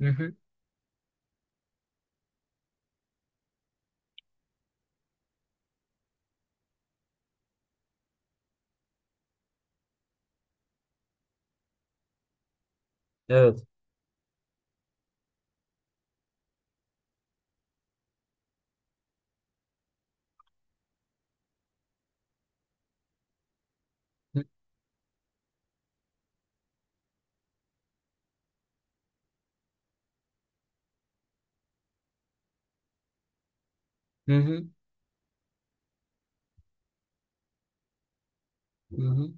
Hı hı. Evet. Hı hı. Hı hı.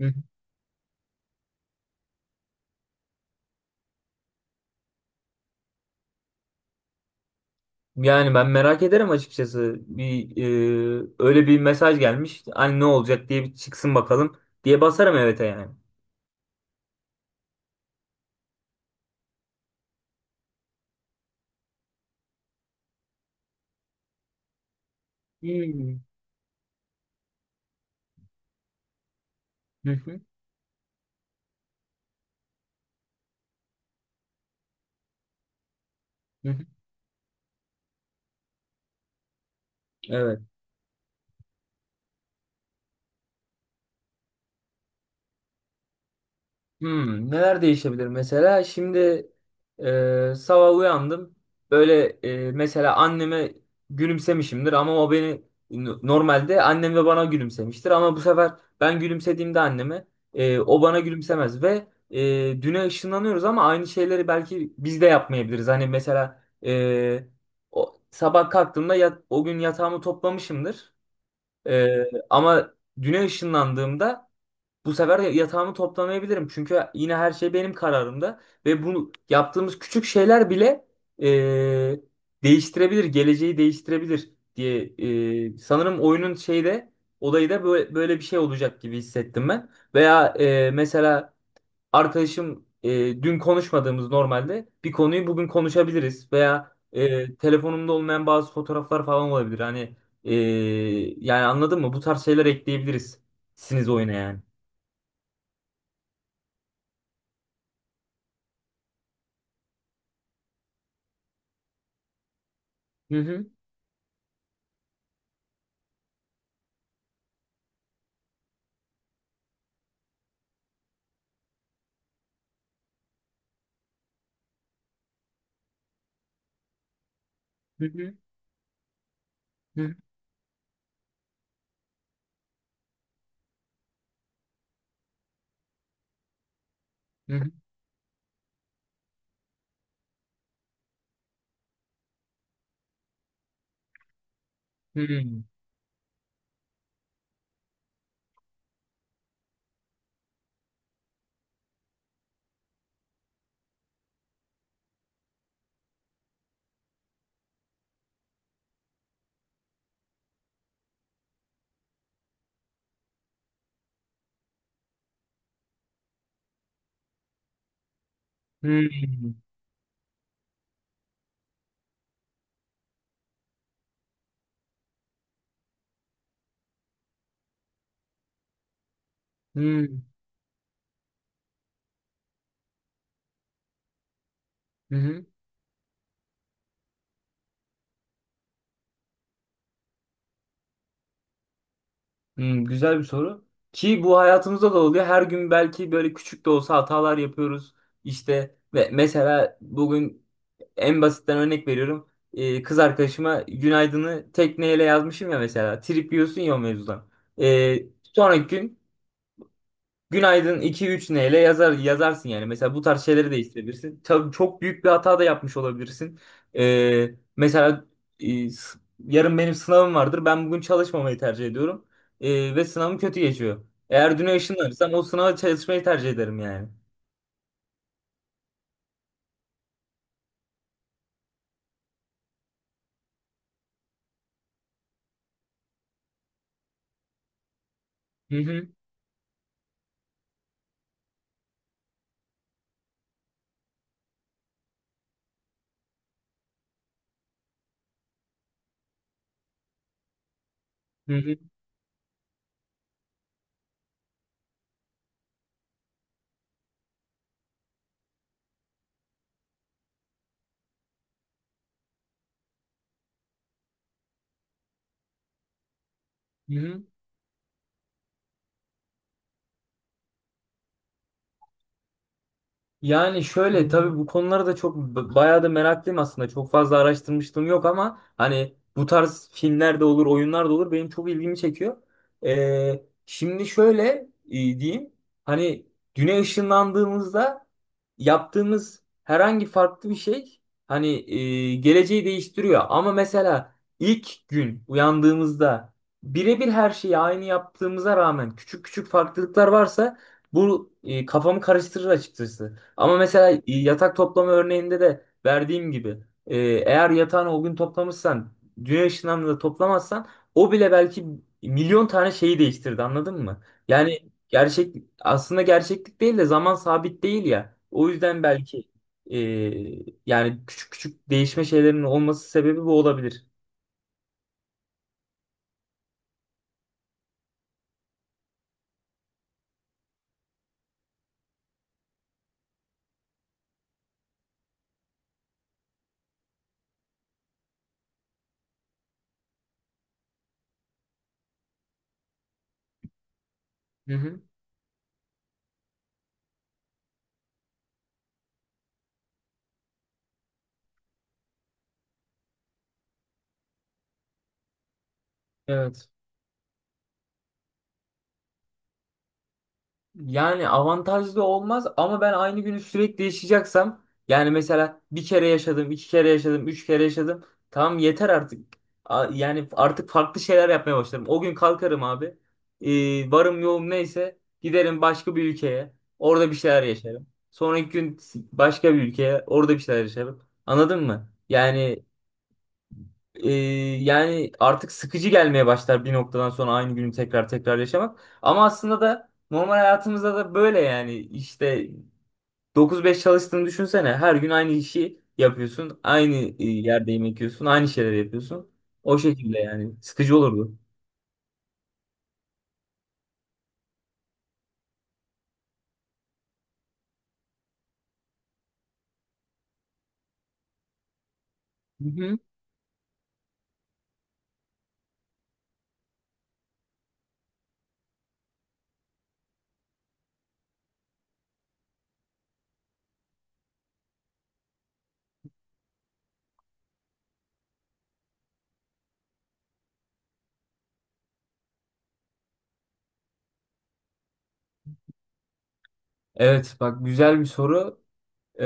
Hı hı. Yani ben merak ederim açıkçası. Bir öyle bir mesaj gelmiş. Hani ne olacak diye bir çıksın bakalım diye basarım evet'e yani. Hmm. Hı hı. Hı hı. Evet. Neler değişebilir mesela? Şimdi sabah uyandım. Böyle mesela anneme gülümsemişimdir ama o beni no, normalde annem de bana gülümsemiştir ama bu sefer ben gülümsediğimde anneme o bana gülümsemez ve düne ışınlanıyoruz ama aynı şeyleri belki biz de yapmayabiliriz. Hani mesela sabah kalktığımda o gün yatağımı toplamışımdır. E, ama düne ışınlandığımda bu sefer de yatağımı toplamayabilirim. Çünkü yine her şey benim kararımda. Ve bu yaptığımız küçük şeyler bile eee, değiştirebilir, geleceği değiştirebilir diye sanırım oyunun şeyde olayı da böyle, böyle bir şey olacak gibi hissettim ben. Veya mesela arkadaşım dün konuşmadığımız normalde bir konuyu bugün konuşabiliriz. Veya telefonumda olmayan bazı fotoğraflar falan olabilir. Hani yani anladın mı? Bu tarz şeyler ekleyebiliriz. Siniz oyuna yani. Hı hı. Hı hı, hı hı, hı hı, hı hı, hı hı. Güzel bir soru. Ki bu hayatımızda da oluyor. Her gün belki böyle küçük de olsa hatalar yapıyoruz. İşte ve mesela bugün en basitten örnek veriyorum. Kız arkadaşıma günaydını tekneyle yazmışım ya mesela. Trip yiyorsun ya o mevzudan. Sonraki gün günaydın iki üç neyle yazar yazarsın yani. Mesela bu tarz şeyleri değiştirebilirsin. Tabii çok büyük bir hata da yapmış olabilirsin. Mesela e, s- yarın benim sınavım vardır. Ben bugün çalışmamayı tercih ediyorum. Ve sınavım kötü geçiyor. Eğer düne ışınlanırsam o sınava çalışmayı tercih ederim yani. Hı hı. Hı hı. Hı hı. Yani şöyle tabii bu konulara da çok bayağı da meraklıyım aslında. Çok fazla araştırmışlığım yok ama hani bu tarz filmler de olur, oyunlar da olur. Benim çok ilgimi çekiyor. Şimdi şöyle diyeyim. Hani güne ışınlandığımızda yaptığımız herhangi farklı bir şey hani geleceği değiştiriyor. Ama mesela ilk gün uyandığımızda birebir her şeyi aynı yaptığımıza rağmen küçük küçük farklılıklar varsa bu kafamı karıştırır açıkçası. Ama mesela yatak toplama örneğinde de verdiğim gibi eğer yatağını o gün toplamışsan dünya ışınlarını da toplamazsan o bile belki milyon tane şeyi değiştirdi anladın mı? Yani gerçek aslında gerçeklik değil de zaman sabit değil ya. O yüzden belki e, yani küçük küçük değişme şeylerinin olması sebebi bu olabilir. Hı hı. Evet. Yani avantajlı olmaz ama ben aynı günü sürekli yaşayacaksam yani mesela bir kere yaşadım, iki kere yaşadım, üç kere yaşadım. Tamam yeter artık. Yani artık farklı şeyler yapmaya başlarım. O gün kalkarım abi. Varım yoğum neyse giderim başka bir ülkeye. Orada bir şeyler yaşarım. Sonraki gün başka bir ülkeye. Orada bir şeyler yaşarım. Anladın mı? Yani ee, yani artık sıkıcı gelmeye başlar bir noktadan sonra aynı günü tekrar tekrar yaşamak. Ama aslında da normal hayatımızda da böyle yani işte 9-5 çalıştığını düşünsene. Her gün aynı işi yapıyorsun. Aynı yerde yemek yiyorsun. Aynı şeyleri yapıyorsun. O şekilde yani. Sıkıcı olurdu. Hı hı. Evet bak güzel bir soru. Ee,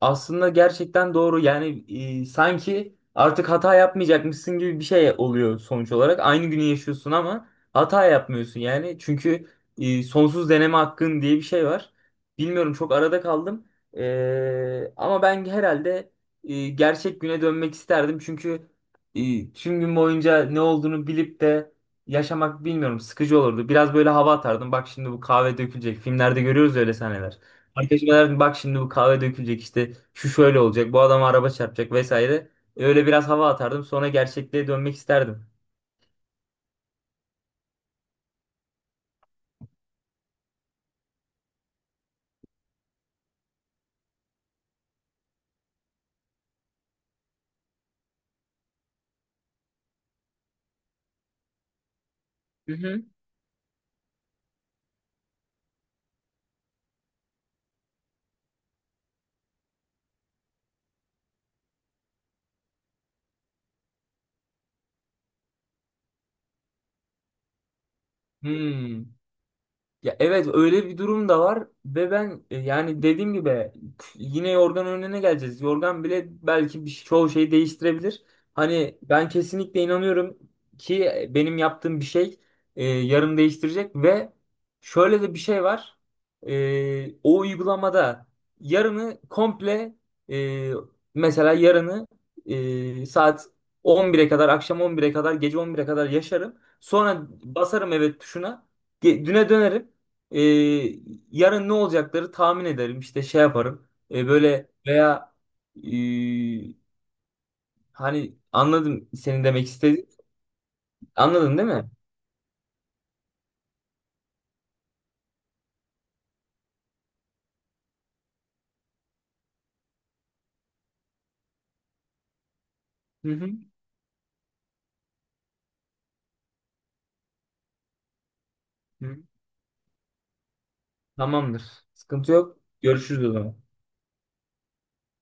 aslında gerçekten doğru. Yani sanki artık hata yapmayacakmışsın gibi bir şey oluyor sonuç olarak. Aynı günü yaşıyorsun ama hata yapmıyorsun yani. Çünkü sonsuz deneme hakkın diye bir şey var. Bilmiyorum çok arada kaldım. Ama ben herhalde gerçek güne dönmek isterdim. Çünkü tüm gün boyunca ne olduğunu bilip de yaşamak bilmiyorum sıkıcı olurdu. Biraz böyle hava atardım. Bak şimdi bu kahve dökülecek. Filmlerde görüyoruz öyle sahneler. Arkadaşıma derdim bak şimdi bu kahve dökülecek işte şu şöyle olacak bu adama araba çarpacak vesaire. Öyle biraz hava atardım sonra gerçekliğe dönmek isterdim. Hı hı. Hmm. Ya evet öyle bir durum da var ve ben yani dediğim gibi yine yorgan önüne geleceğiz. Yorgan bile belki bir, şey, çoğu şeyi değiştirebilir. Hani ben kesinlikle inanıyorum ki benim yaptığım bir şey yarın değiştirecek ve şöyle de bir şey var. O uygulamada yarını komple e, mesela yarını saat 11'e kadar akşam 11'e kadar gece 11'e kadar yaşarım. Sonra basarım evet tuşuna. Düne dönerim. Ee, yarın ne olacakları tahmin ederim. İşte şey yaparım. Böyle veya ee, hani anladım senin demek istediğin. Anladın değil mi? Hı hı. Hı. Tamamdır. Sıkıntı yok. Görüşürüz o zaman.